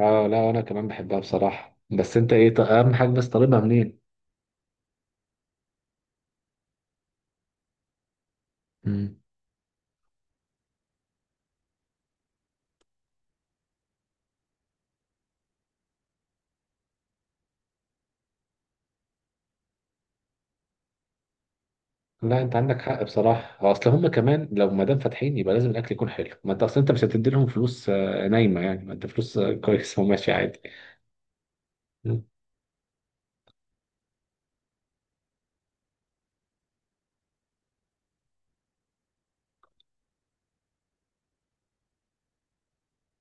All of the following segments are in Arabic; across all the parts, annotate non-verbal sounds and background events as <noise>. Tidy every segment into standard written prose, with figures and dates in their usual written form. اه لا وانا كمان بحبها بصراحة. بس انت ايه اهم حاجة، بس طالبها منين؟ مم. لا انت عندك حق بصراحة، هو اصل هم كمان لو ما دام فاتحين يبقى لازم الاكل يكون حلو، ما انت اصل انت مش هتدي لهم فلوس نايمة يعني، ما انت فلوس كويس <laughs> وماشي عادي. مم.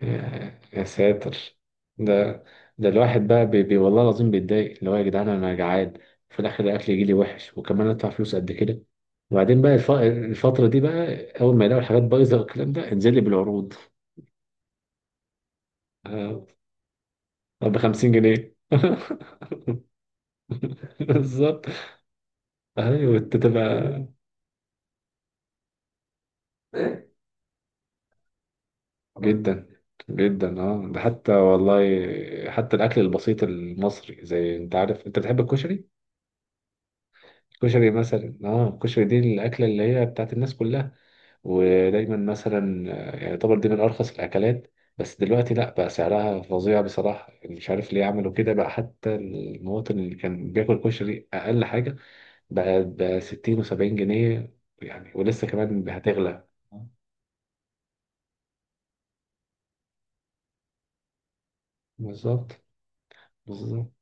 يا ساتر. ده ده الواحد بقى بي بي والله العظيم بيتضايق، اللي هو يا جدعان انا جعان، في الاخر الاكل يجي لي وحش وكمان ادفع فلوس قد كده. وبعدين بقى الفترة دي بقى، اول ما يلاقوا الحاجات بايظة والكلام ده انزل لي بالعروض. آه، ب 50 جنيه <laughs> بالظبط. ايوه انت تبقى، جدا جدا. اه ده حتى والله، حتى الاكل البسيط المصري، زي انت عارف انت بتحب الكشري، الكشري مثلا، اه الكشري دي الاكله اللي هي بتاعت الناس كلها، ودايما مثلا يعني يعتبر دي من ارخص الاكلات، بس دلوقتي لا، بقى سعرها فظيع بصراحه، مش عارف ليه عملوا كده بقى. حتى المواطن اللي كان بياكل كشري اقل حاجه ب 60 و70 جنيه يعني، ولسه كمان هتغلى. آه. بالظبط، بالظبط.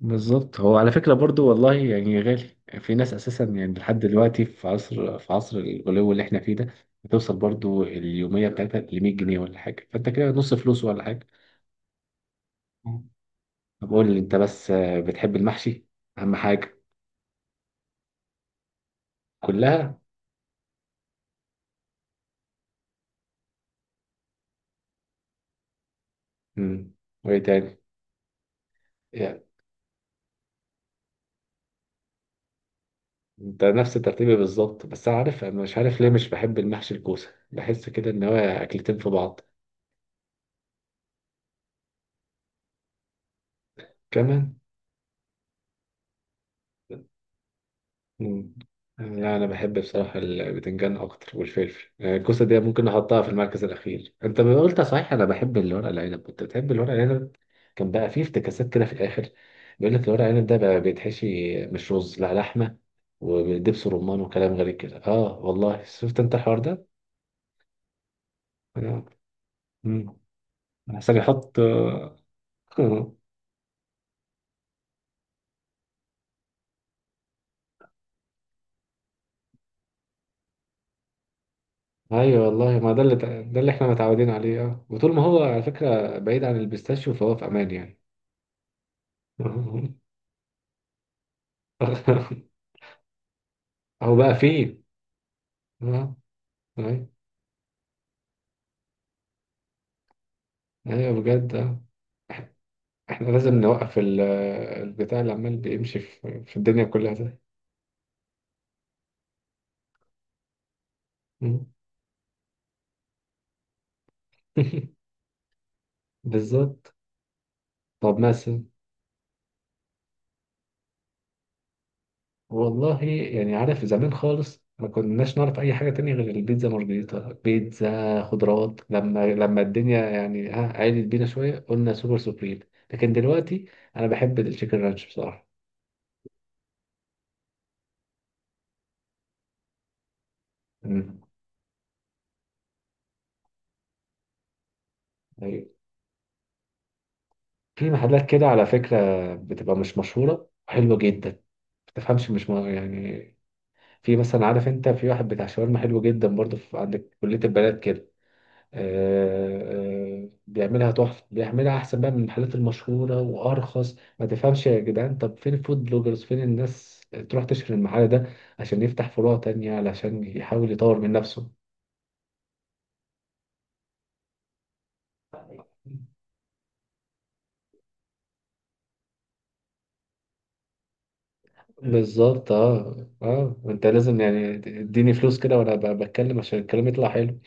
بالظبط، هو على فكرة برضو والله يعني غالي، في ناس أساسا يعني لحد دلوقتي في عصر الغلو اللي احنا فيه ده، بتوصل برضو اليومية بتاعتها ل 100 جنيه ولا حاجة، فأنت كده نص فلوس ولا حاجة. آه. طب قول لي أنت بس، بتحب المحشي؟ أهم حاجة. كلها. مم. وإيه تاني؟ انت نفس ترتيبي بالظبط، بس أنا عارف، انا مش عارف ليه مش بحب المحشي الكوسه، بحس كده ان هو اكلتين في بعض. كمان. مم. لا انا بحب بصراحه البتنجان اكتر والفلفل، يعني الكوسه دي ممكن احطها في المركز الاخير. انت ما قلت صحيح، انا بحب الورق العنب، كنت بتحب الورق العنب. كان بقى فيه افتكاسات كده في الاخر، بيقول لك الورق العنب ده بقى بيتحشي مش رز، لا لحمه ودبس رمان وكلام غريب كده، اه والله شفت انت الحوار ده؟ آه. مم. محتاج احط آه. <laughs> ايوه والله، ما ده اللي، ده اللي احنا متعودين عليه. اه، وطول ما هو على فكره بعيد عن البيستاشيو فهو في امان يعني. <laughs> هو بقى فيه. اه. ايوه. أيوة بجد اه. احنا لازم نوقف البتاع اللي عمال بيمشي في الدنيا كلها ده. <laughs> بالظبط. طب مثلا، والله يعني عارف زمان خالص ما كناش نعرف اي حاجه تانية غير البيتزا مارجريتا، بيتزا خضروات. لما الدنيا يعني ها عالت بينا شويه قلنا سوبر سوبريم. لكن دلوقتي، انا بحب التشيكن رانش بصراحه. امم. ايوه. في محلات كده على فكره بتبقى مش مشهوره، حلوه جدا، ما تفهمش مش م... يعني. في مثلا عارف انت، في واحد بتاع شاورما حلو جدا برضه في عند كليه البنات كده. بيعملها تحفة، بيعملها أحسن بقى من المحلات المشهورة وأرخص، ما تفهمش يا جدعان، طب فين الفود بلوجرز، فين الناس تروح تشهر المحل ده عشان يفتح فروع تانية، علشان يحاول يطور من نفسه. بالظبط. اه اه، انت لازم يعني اديني فلوس كده وانا بتكلم عشان الكلام يطلع حلو.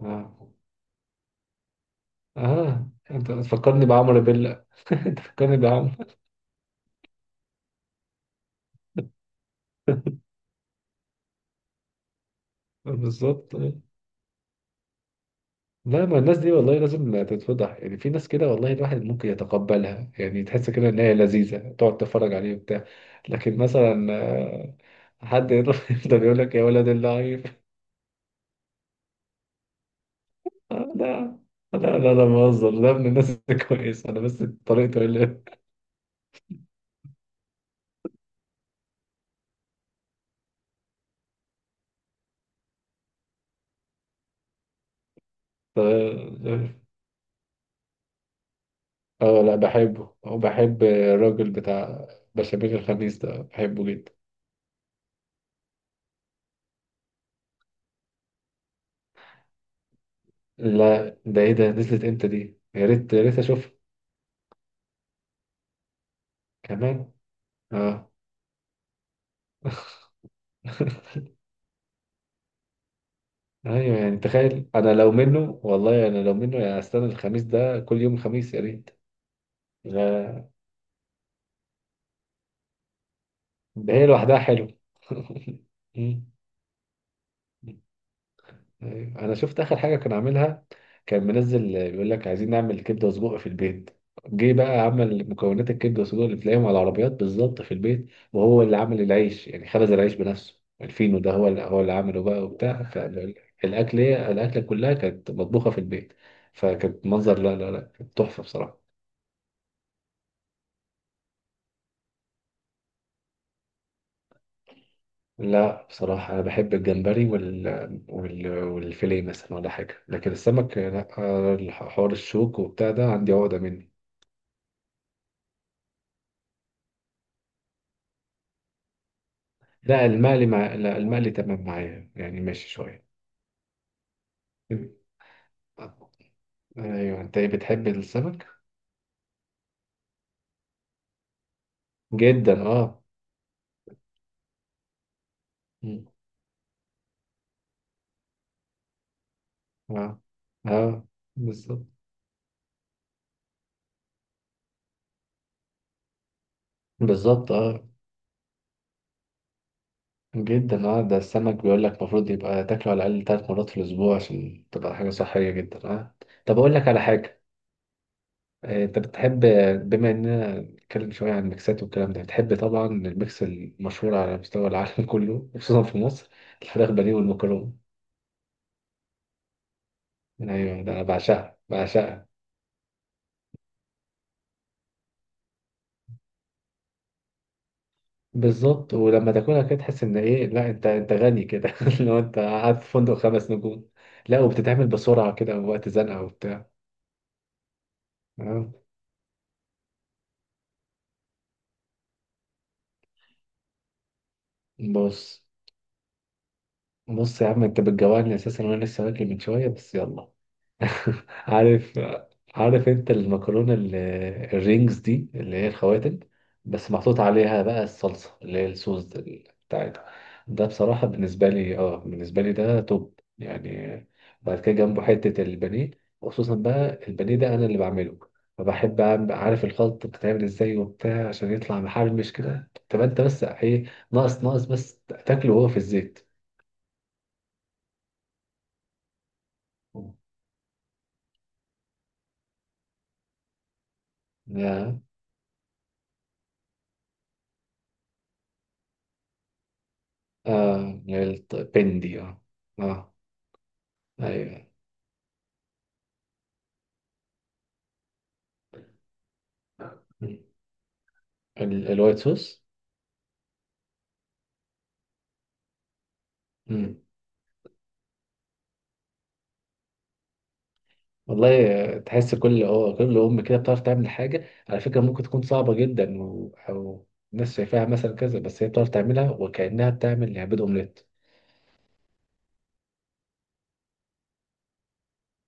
اه. اه انت تفكرني بعمرو بيلا <laughs> انت تفكرني بعمرو. بالظبط. لا، ما الناس دي والله لازم تتفضح، يعني في ناس كده والله الواحد ممكن يتقبلها، يعني تحس كده ان هي لذيذه تقعد تتفرج عليه وبتاع. لكن مثلا حد يروح <laughs> يفضل يقول لك يا ولد اللعيب. آه. لا لا لا لا، بهزر، ده من الناس <laughs> الكويسه، انا بس طريقته اللي. اه. آه، لا بحبه، وبحب الراجل بتاع بشاميل الخميس ده، بحبه جدا. لا ده ايه ده، نزلت امتى دي؟ يا ريت يا ريت اشوفها. كمان. اه. <laughs> ايوه يعني تخيل انا لو منه، والله انا لو منه يعني استنى الخميس ده، كل يوم خميس يا ريت. لا- ده هي لوحدها حلو. <laughs> أمم. أيوة. انا شفت اخر حاجه كان عاملها، كان منزل بيقول لك عايزين نعمل كبده وسجق في البيت. جه بقى عمل مكونات الكبده والسجق اللي بتلاقيهم على العربيات بالظبط في البيت، وهو اللي عمل العيش يعني، خبز العيش بنفسه الفينو ده، هو اللي عمله بقى وبتاع. فالاكل، الاكله كلها كانت مطبوخه في البيت، فكانت منظر، لا لا لا كانت تحفه بصراحه. لا بصراحة أنا بحب الجمبري والفيليه مثلا ولا حاجة، لكن السمك لا، حوار الشوك وبتاع ده عندي عقدة منه. لا المقلي تمام معايا يعني، ماشي شوية. أيوة. أنت إيه، بتحب السمك؟ جدا أه. م. أه. أه. بالظبط. بالظبط أه. جدا أه، ده السمك بيقول لك المفروض يبقى تاكله على الأقل 3 مرات في الأسبوع عشان تبقى حاجة صحية جدا أه. طب أقول لك على حاجة، انت بتحب، بما اننا نتكلم شويه عن الميكسات والكلام ده، بتحب طبعا الميكس المشهور على مستوى العالم <laughs> كله، خصوصا في مصر، الفراخ بانيه والمكرونه. ايوه ده انا بعشقها بعشقها. بالظبط، ولما تاكلها كده تحس ان ايه، لا انت انت غني كده <laughs> لو انت قاعد في فندق 5 نجوم. لا، وبتتعمل بسرعه كده وقت زنقه وبتاع. آه. بص. بص يا عم، انت بتجوعني اساسا وانا لسه واكل من شويه، بس يلا <laughs> عارف عارف انت المكرونه الرينجز دي، اللي هي الخواتم، بس محطوط عليها بقى الصلصه اللي هي الصوص ده بتاعتها. ده بصراحه بالنسبه لي، اه بالنسبه لي ده توب يعني. بعد كده جنبه حته البانيه، وخصوصا بقى البانيه ده انا اللي بعمله. فبحب عارف الخلط بتتعمل ازاي وبتاع عشان يطلع محرمش كده، تبقى انت بس ايه، ناقص ناقص بس تاكله وهو في الزيت. ده آه البندي اه. آه. ايوه. مم. الوايت صوص. مم. والله تحس كل اه كل ام كده بتعرف تعمل حاجه على فكره، ممكن تكون صعبه جدا و... او الناس شايفاها مثلا كذا، بس هي بتعرف تعملها وكانها بتعمل يعني بيض اومليت.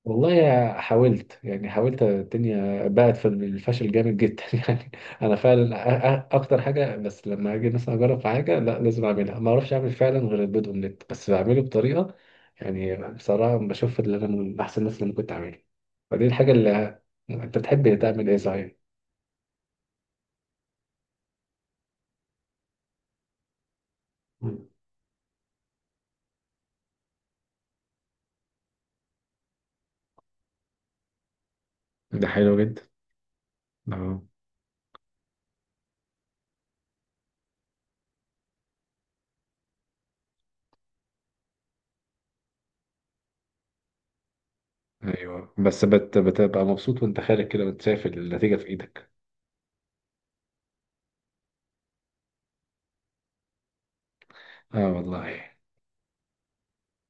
والله حاولت يعني حاولت، الدنيا بقت في الفشل جامد جدا <laughs> يعني. انا فعلا اكتر حاجه، بس لما اجي مثلا اجرب في حاجه لا، لازم اعملها، ما اعرفش اعمل فعلا غير البيض اومليت، بس بعمله بطريقه يعني بصراحه بشوف ان انا من احسن الناس اللي أنا كنت اعملها. فدي الحاجه اللي، انت بتحب تعمل ايه صحيح؟ مم. ده حلو جدا. اه. ايوه، بس بتبقى مبسوط وانت خارج كده وانت شايف النتيجة في ايدك. اه والله.